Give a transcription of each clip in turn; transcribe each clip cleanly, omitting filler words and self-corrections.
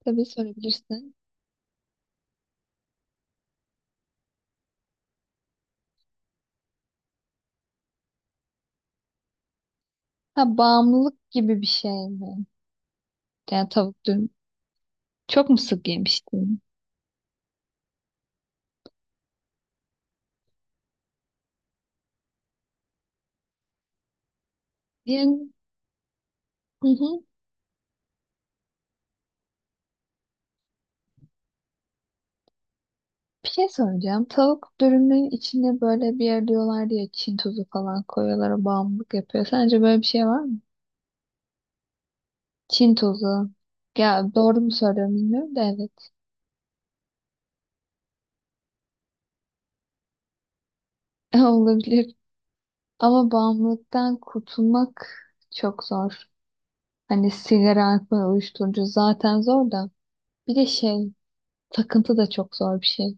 Tabii sorabilirsin. Ha, bağımlılık gibi bir şey mi? Yani tavuk dürüm. Çok mu sık yemiştin? Yani, hı hı. Bir şey soracağım. Tavuk dürümün içine böyle bir yer diyorlar diye Çin tuzu falan koyuyorlar. O bağımlılık yapıyor. Sence böyle bir şey var mı? Çin tuzu. Ya doğru mu söylüyorum bilmiyorum da evet. Olabilir. Ama bağımlılıktan kurtulmak çok zor. Hani sigara, alkol, uyuşturucu zaten zor da. Bir de şey, takıntı da çok zor bir şey.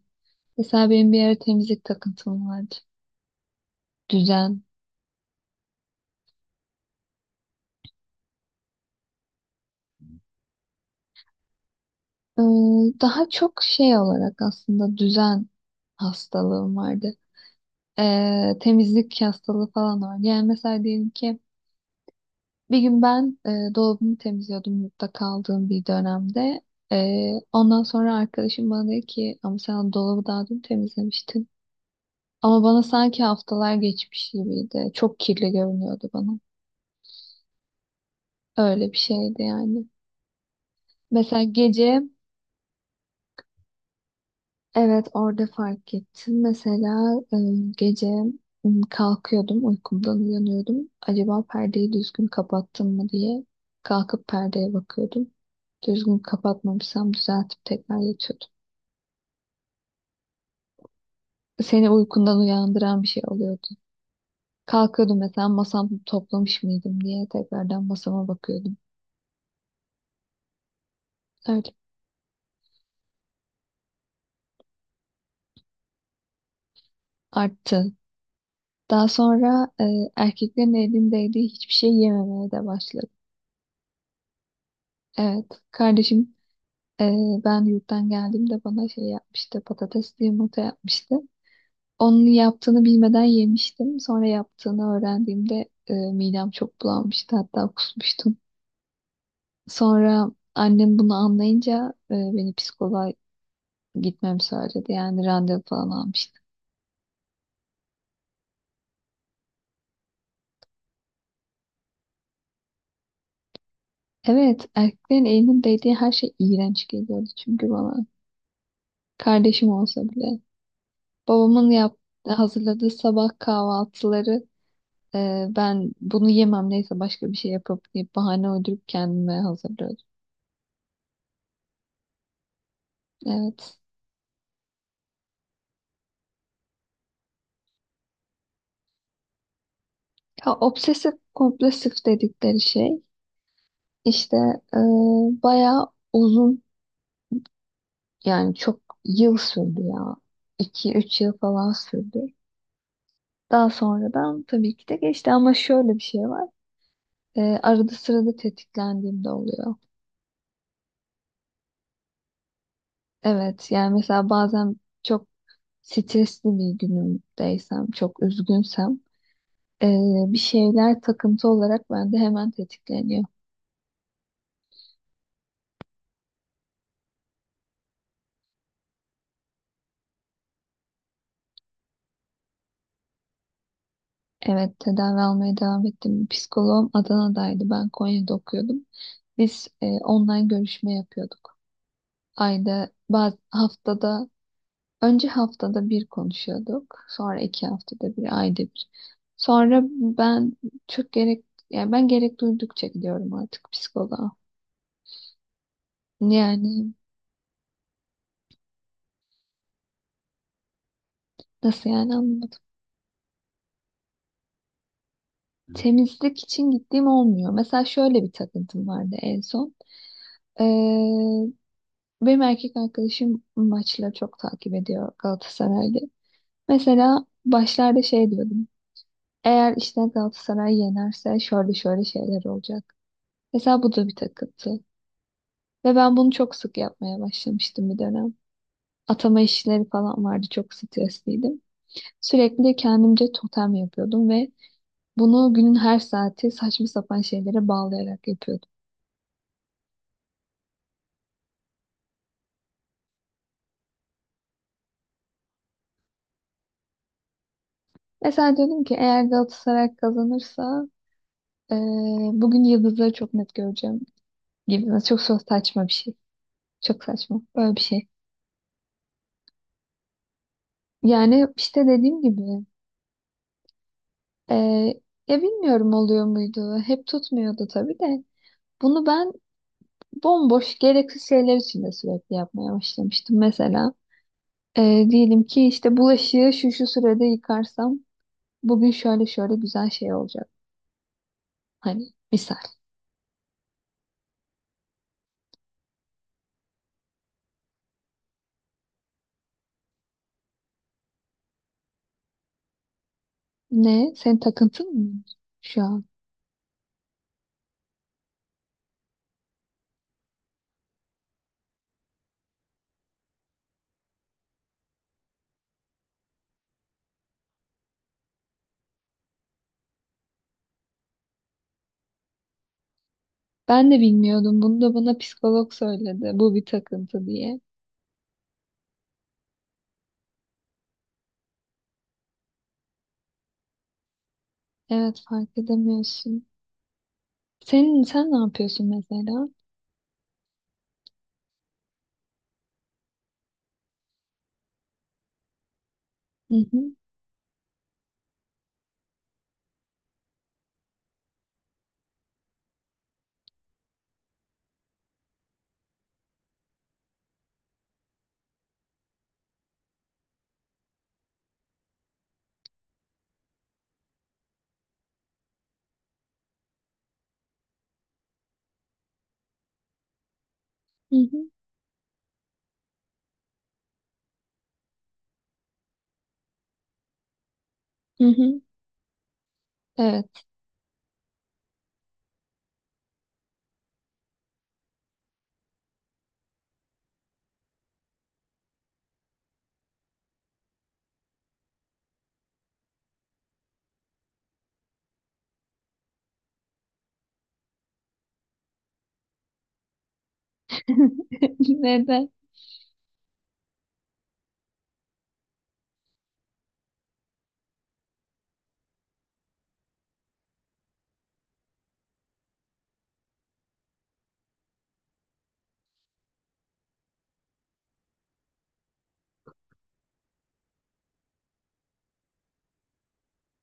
Mesela benim bir ara temizlik takıntım vardı. Düzen. Ee, Daha çok şey olarak aslında düzen hastalığım vardı. Temizlik hastalığı falan var. Yani mesela diyelim ki bir gün ben dolabımı temizliyordum yurtta kaldığım bir dönemde. Ondan sonra arkadaşım bana dedi ki ama sen dolabı daha dün temizlemiştin. Ama bana sanki haftalar geçmiş gibiydi. Çok kirli görünüyordu bana. Öyle bir şeydi yani. Mesela gece. Evet, orada fark ettim. Mesela gece kalkıyordum uykumdan uyanıyordum. Acaba perdeyi düzgün kapattım mı diye kalkıp perdeye bakıyordum. Düzgün kapatmamışsam düzeltip tekrar yatıyordum. Seni uykundan uyandıran bir şey oluyordu. Kalkıyordum mesela masamı toplamış mıydım diye tekrardan masama bakıyordum. Öyle. Arttı. Daha sonra erkeklerin elindeydiği hiçbir şey yememeye de başladım. Evet kardeşim. Ben yurttan geldiğimde bana şey yapmıştı, patatesli yumurta yapmıştı. Onun yaptığını bilmeden yemiştim. Sonra yaptığını öğrendiğimde midem çok bulanmıştı, hatta kusmuştum. Sonra annem bunu anlayınca beni psikoloğa gitmemi söyledi. Yani randevu falan almıştı. Evet, erkeklerin elinin değdiği her şey iğrenç geliyordu çünkü bana. Kardeşim olsa bile. Babamın hazırladığı sabah kahvaltıları. Ben bunu yemem neyse başka bir şey yapıp deyip bahane uydurup kendime hazırlıyordum. Evet. Ya, obsesif kompulsif dedikleri şey işte e, bayağı uzun, yani çok yıl sürdü ya. İki üç yıl falan sürdü. Daha sonradan tabii ki de geçti ama şöyle bir şey var. Arada sırada tetiklendiğimde oluyor. Evet yani mesela bazen çok stresli bir günümdeysem, çok üzgünsem, Ee, bir şeyler takıntı olarak bende hemen tetikleniyor. Evet, tedavi almaya devam ettim. Psikoloğum Adana'daydı. Ben Konya'da okuyordum. Biz online görüşme yapıyorduk. Ayda, baz haftada, önce haftada bir konuşuyorduk. Sonra iki haftada bir, ayda bir. Sonra ben çok gerek, yani ben gerek duydukça gidiyorum artık psikoloğa. Yani nasıl yani anlamadım. Temizlik için gittiğim olmuyor. Mesela şöyle bir takıntım vardı en son. Benim erkek arkadaşım maçları çok takip ediyor Galatasaray'da. Mesela başlarda şey diyordum. Eğer işte Galatasaray yenerse şöyle şöyle şeyler olacak. Mesela bu da bir takıntı. Ve ben bunu çok sık yapmaya başlamıştım bir dönem. Atama işleri falan vardı. Çok stresliydim. Sürekli kendimce totem yapıyordum ve bunu günün her saati saçma sapan şeylere bağlayarak yapıyordum. Mesela diyordum ki eğer Galatasaray kazanırsa bugün yıldızları çok net göreceğim gibi. Çok saçma bir şey. Çok saçma. Böyle bir şey. Yani işte dediğim gibi e, ya bilmiyorum, oluyor muydu? Hep tutmuyordu tabii de. Bunu ben bomboş gereksiz şeyler için de sürekli yapmaya başlamıştım. Mesela diyelim ki işte bulaşığı şu şu sürede yıkarsam bugün şöyle şöyle güzel şey olacak. Hani misal. Ne? Senin takıntın mı şu an? Ben de bilmiyordum. Bunu da bana psikolog söyledi. Bu bir takıntı diye. Evet, fark edemiyorsun. Senin sen ne yapıyorsun mesela? Hı hı hı hı hı hı. Evet. Neden?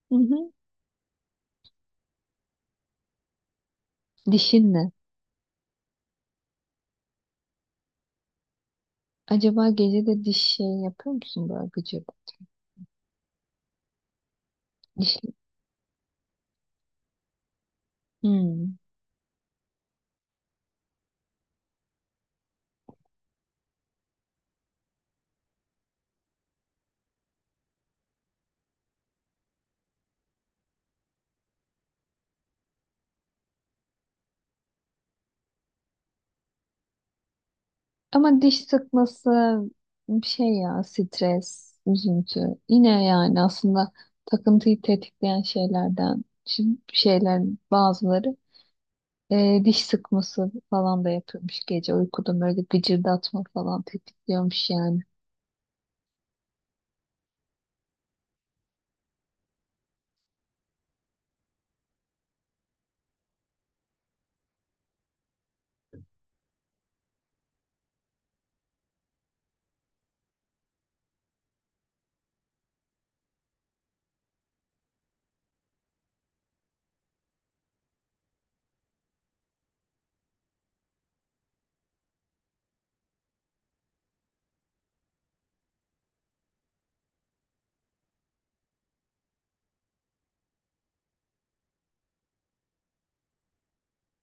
Hı hı. Dişinle. Acaba gece de diş şey yapıyor musun, böyle gıcır? Diş. Hmm. Ama diş sıkması bir şey ya, stres, üzüntü. Yine yani aslında takıntıyı tetikleyen şeylerden şimdi, şeyler, bazıları diş sıkması falan da yapıyormuş, gece uykuda böyle gıcırdatma falan tetikliyormuş yani.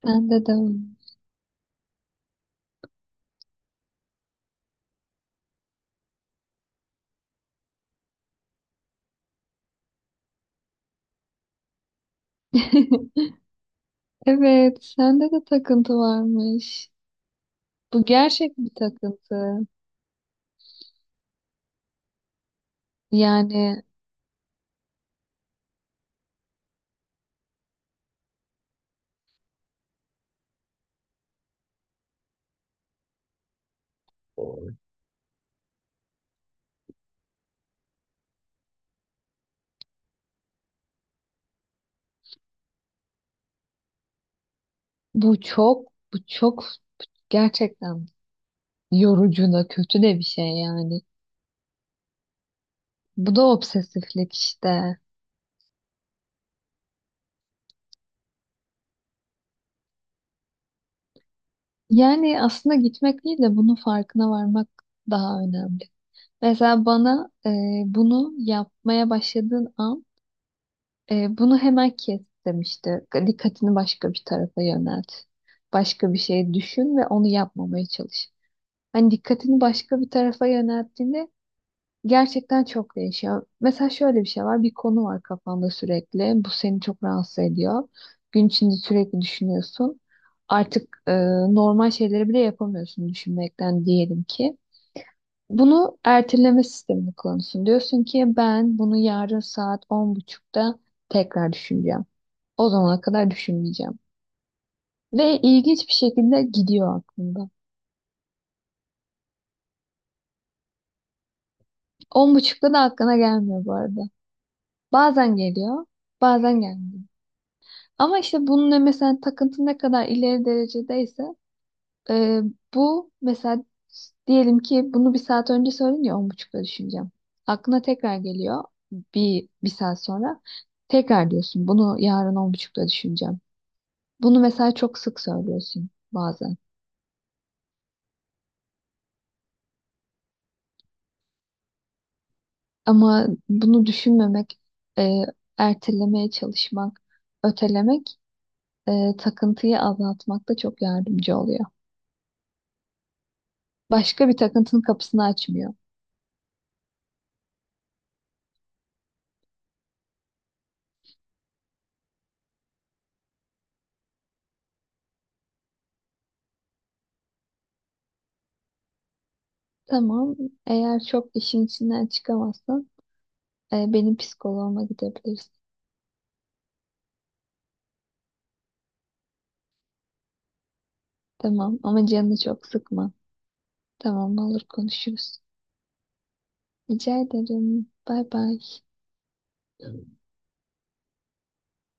Bende de öyle. Evet, sende de takıntı varmış. Bu gerçek bir takıntı. Yani bu çok, bu çok gerçekten yorucu da kötü de bir şey yani. Bu da obsesiflik işte. Yani aslında gitmek değil de bunun farkına varmak daha önemli. Mesela bana bunu yapmaya başladığın an bunu hemen kes demişti. Dikkatini başka bir tarafa yönelt. Başka bir şey düşün ve onu yapmamaya çalış. Hani dikkatini başka bir tarafa yönelttiğinde gerçekten çok değişiyor. Mesela şöyle bir şey var. Bir konu var kafanda sürekli. Bu seni çok rahatsız ediyor. Gün içinde sürekli düşünüyorsun. Artık normal şeyleri bile yapamıyorsun düşünmekten, diyelim ki. Bunu erteleme sistemini kullanıyorsun. Diyorsun ki ben bunu yarın saat 10.30'da tekrar düşüneceğim. O zamana kadar düşünmeyeceğim. Ve ilginç bir şekilde gidiyor aklında. 10.30'da da aklına gelmiyor bu arada. Bazen geliyor, bazen gelmiyor. Ama işte bunun mesela takıntı ne kadar ileri derecedeyse e, bu mesela diyelim ki bunu bir saat önce söyledin ya, 10.30'da düşüneceğim. Aklına tekrar geliyor bir saat sonra. Tekrar diyorsun bunu yarın 10.30'da düşüneceğim. Bunu mesela çok sık söylüyorsun bazen. Ama bunu düşünmemek, e, ertelemeye çalışmak, ötelemek, takıntıyı azaltmakta çok yardımcı oluyor. Başka bir takıntının kapısını açmıyor. Tamam. Eğer çok işin içinden çıkamazsan benim psikoloğuma gidebilirsin. Tamam ama canını çok sıkma. Tamam, olur, konuşuruz. Rica ederim. Bay bay.